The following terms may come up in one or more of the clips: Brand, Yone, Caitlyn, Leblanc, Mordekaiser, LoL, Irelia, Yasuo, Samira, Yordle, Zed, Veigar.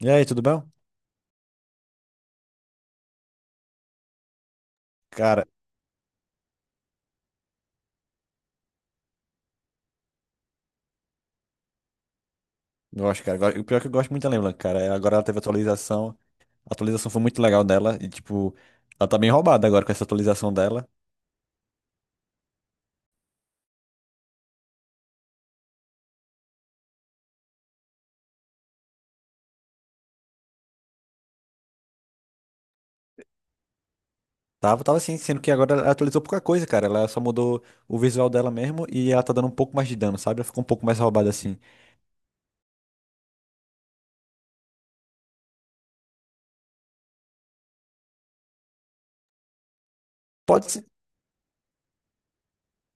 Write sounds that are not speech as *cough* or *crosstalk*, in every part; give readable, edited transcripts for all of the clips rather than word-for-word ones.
E aí, tudo bem? Cara, cara. Gosto- O pior é que eu gosto muito da Leblanc, cara. É, agora ela teve atualização. A atualização foi muito legal dela. E, tipo, ela tá bem roubada agora com essa atualização dela. Tava, tava assim, sendo que agora ela atualizou pouca coisa, cara. Ela só mudou o visual dela mesmo e ela tá dando um pouco mais de dano, sabe? Ela ficou um pouco mais roubada assim. Pode ser.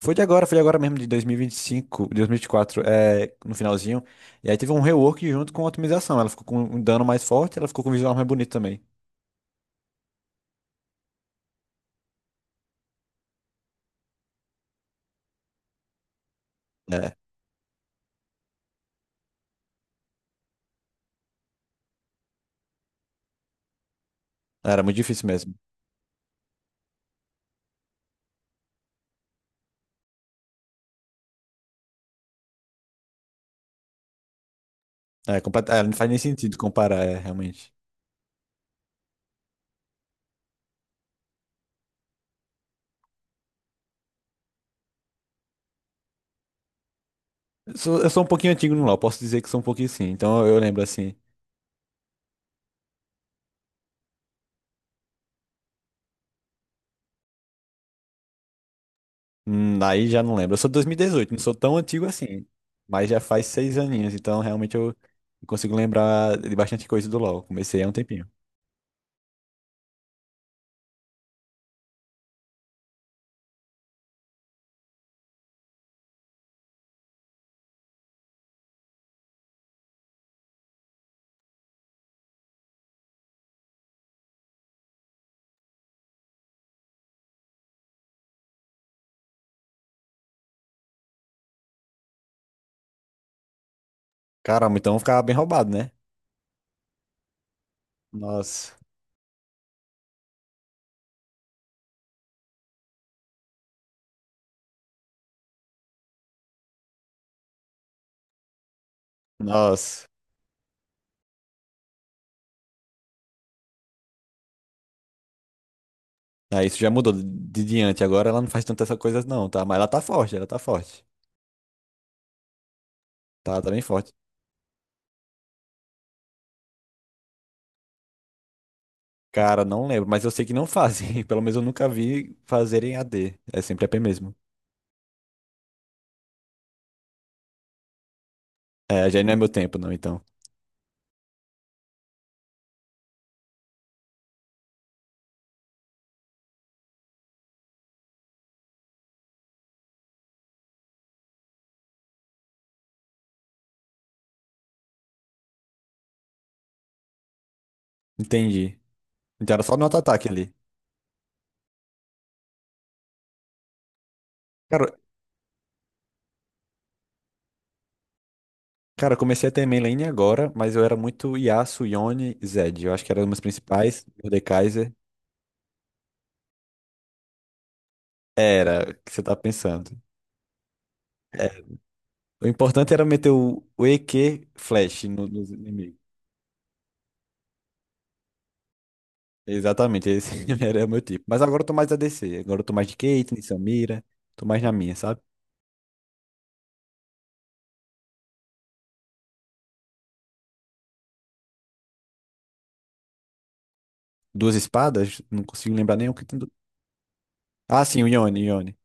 Foi de agora mesmo, de 2025, de 2024, é, no finalzinho. E aí teve um rework junto com a otimização. Ela ficou com um dano mais forte, ela ficou com um visual mais bonito também. É, era muito difícil mesmo. É, complet... é, não faz nem sentido comparar, é, realmente. Eu sou um pouquinho antigo no LoL, posso dizer que sou um pouquinho sim. Então eu lembro assim. Aí já não lembro. Eu sou de 2018. Não sou tão antigo assim. Mas já faz seis aninhos, então realmente eu consigo lembrar de bastante coisa do LoL. Comecei há um tempinho. Caramba, então eu ficava bem roubado, né? Nossa, nossa. Ah, isso já mudou de diante. Agora ela não faz tantas essas coisas não, tá? Mas ela tá forte, ela tá forte. Tá, tá bem forte. Cara, não lembro, mas eu sei que não fazem. *laughs* Pelo menos eu nunca vi fazerem AD. É sempre AP mesmo. É, já não é meu tempo, não, então. Entendi. Então era só no auto-ataque ali. Cara, cara, eu comecei a ter main lane agora, mas eu era muito Yasuo, Yone e Zed. Eu acho que eram umas principais. Mordekaiser. Era, o que você tá pensando. É. O importante era meter o EQ Flash no- nos inimigos. Exatamente, esse *laughs* era o meu tipo. Mas agora eu tô mais ADC. Agora eu tô mais de Caitlyn, Samira. Tô mais na minha, sabe? Duas espadas, não consigo lembrar nenhum que tem. Du- Ah, sim, o Yone, o Yone.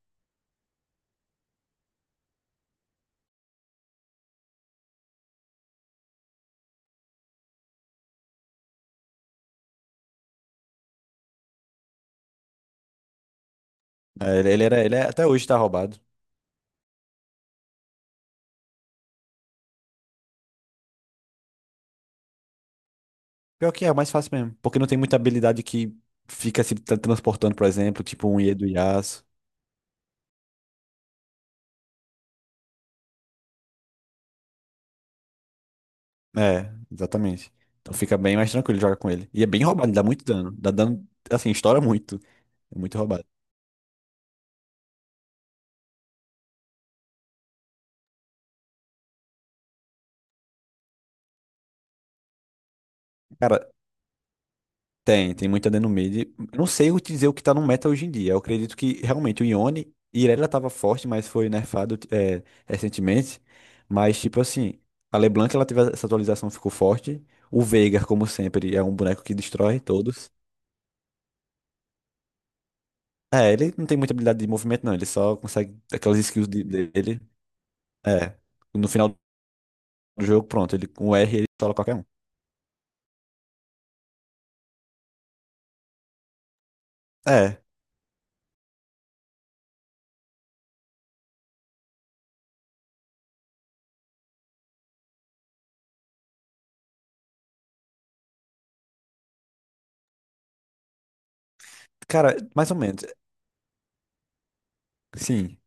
É, ele era, ele é- até hoje tá roubado. Pior que é, é mais fácil mesmo. Porque não tem muita habilidade que fica se tra- transportando, por exemplo, tipo um Iedo Yasuo. É, exatamente. Então fica bem mais tranquilo jogar com ele. E é bem roubado, ele dá muito dano. Dá dano, assim, estoura muito. É muito roubado. Cara, tem, tem muita dano mid. Eu não sei o- dizer o que tá no meta hoje em dia. Eu acredito que realmente o Yone, Irelia tava forte, mas foi nerfado é, recentemente. Mas, tipo assim, a LeBlanc, ela teve essa atualização, ficou forte. O Veigar, como sempre, é um boneco que destrói todos. É, ele não tem muita habilidade de movimento, não. Ele só consegue aquelas skills de- dele. É. No final do jogo, pronto. Ele com o R ele tola qualquer um. É. Cara, mais ou menos. Sim.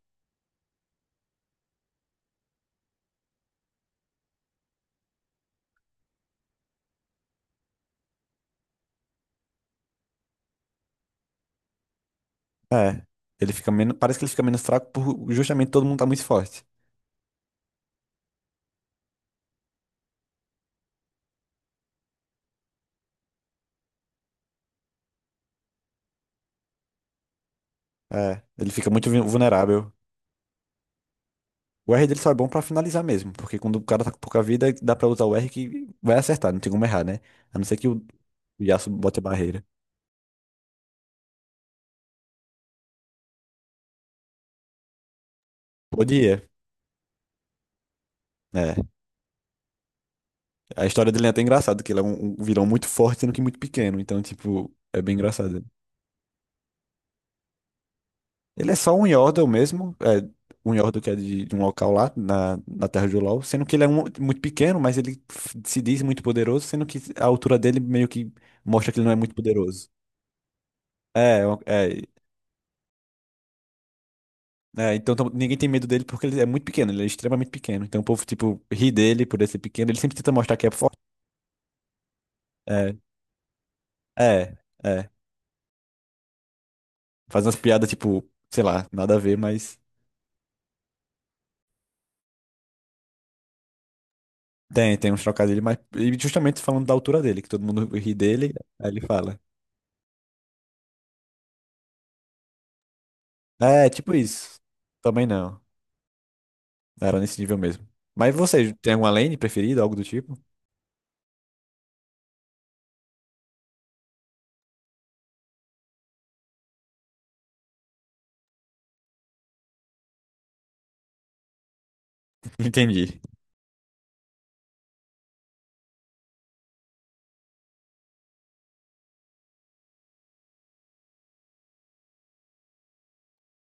É. Ele fica menos. Parece que ele fica menos fraco por justamente todo mundo tá muito forte. É. Ele fica muito vu- vulnerável. O R dele só é bom pra finalizar mesmo. Porque quando o cara tá com pouca vida, dá pra usar o R que vai acertar. Não tem como errar, né? A não ser que o Yasuo bote a barreira. Podia. É. A história dele é até engraçada, que ele é um vilão muito forte, sendo que muito pequeno. Então, tipo, é bem engraçado. Ele é só um Yordle mesmo. É, um Yordle que é de um local lá, na, na Terra de LoL. Sendo que ele é um, muito pequeno, mas ele f- se diz muito poderoso. Sendo que a altura dele meio que mostra que ele não é muito poderoso. É, o- é. É, então tam- ninguém tem medo dele porque ele é muito pequeno, ele é extremamente pequeno. Então o povo, tipo, ri dele por ele ser pequeno. Ele sempre tenta mostrar que é forte. É, é, é. Faz umas piadas, tipo, sei lá, nada a ver, mas. Tem, tem uns trocadilhos, mas e justamente falando da altura dele, que todo mundo ri dele, aí ele fala. É, tipo isso. Também não. Era nesse nível mesmo. Mas você tem alguma lane preferida, algo do tipo? *laughs* Entendi.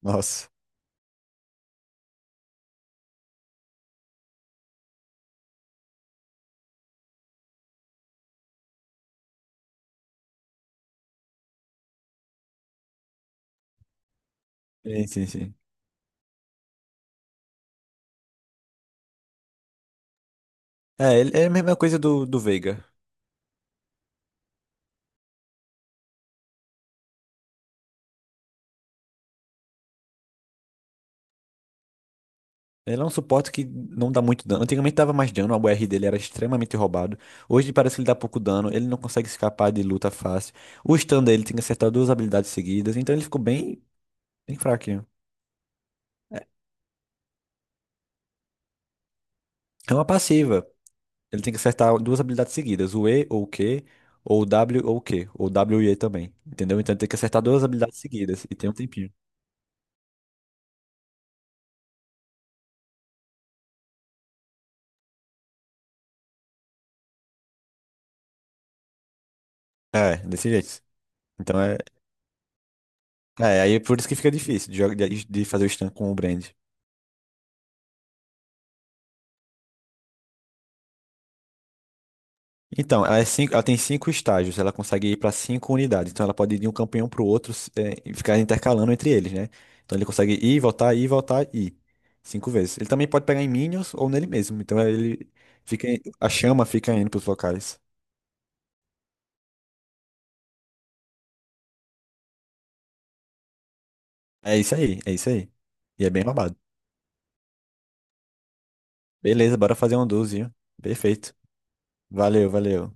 Nossa. Sim, sim, sim. É, ele- é a mesma coisa do, do Veiga. Ele é um suporte que não dá muito dano. Antigamente dava mais dano, a UR dele era extremamente roubado. Hoje parece que ele dá pouco dano, ele não consegue escapar de luta fácil. O stun dele tem que acertar duas habilidades seguidas, então ele ficou bem, bem fraquinho. É uma passiva. Ele tem que acertar duas habilidades seguidas, o E ou o Q, ou o W ou o Q, ou W e E também, entendeu? Então ele tem que acertar duas habilidades seguidas e tem um tempinho. É, desse jeito. Então é, é aí é por isso que fica difícil de, joga- de fazer o stun com o Brand. Então, ela, é cinco- ela tem cinco estágios, ela consegue ir para cinco unidades. Então ela pode ir de um campeão pro outro s- é, e ficar intercalando entre eles, né? Então ele consegue ir, voltar, ir, voltar, ir. Cinco vezes. Ele também pode pegar em minions ou nele mesmo. Então ele fica, em- a chama fica indo pros locais. É isso aí, é isso aí. E é bem roubado. Beleza, bora fazer um duzinho. Perfeito. Valeu, valeu.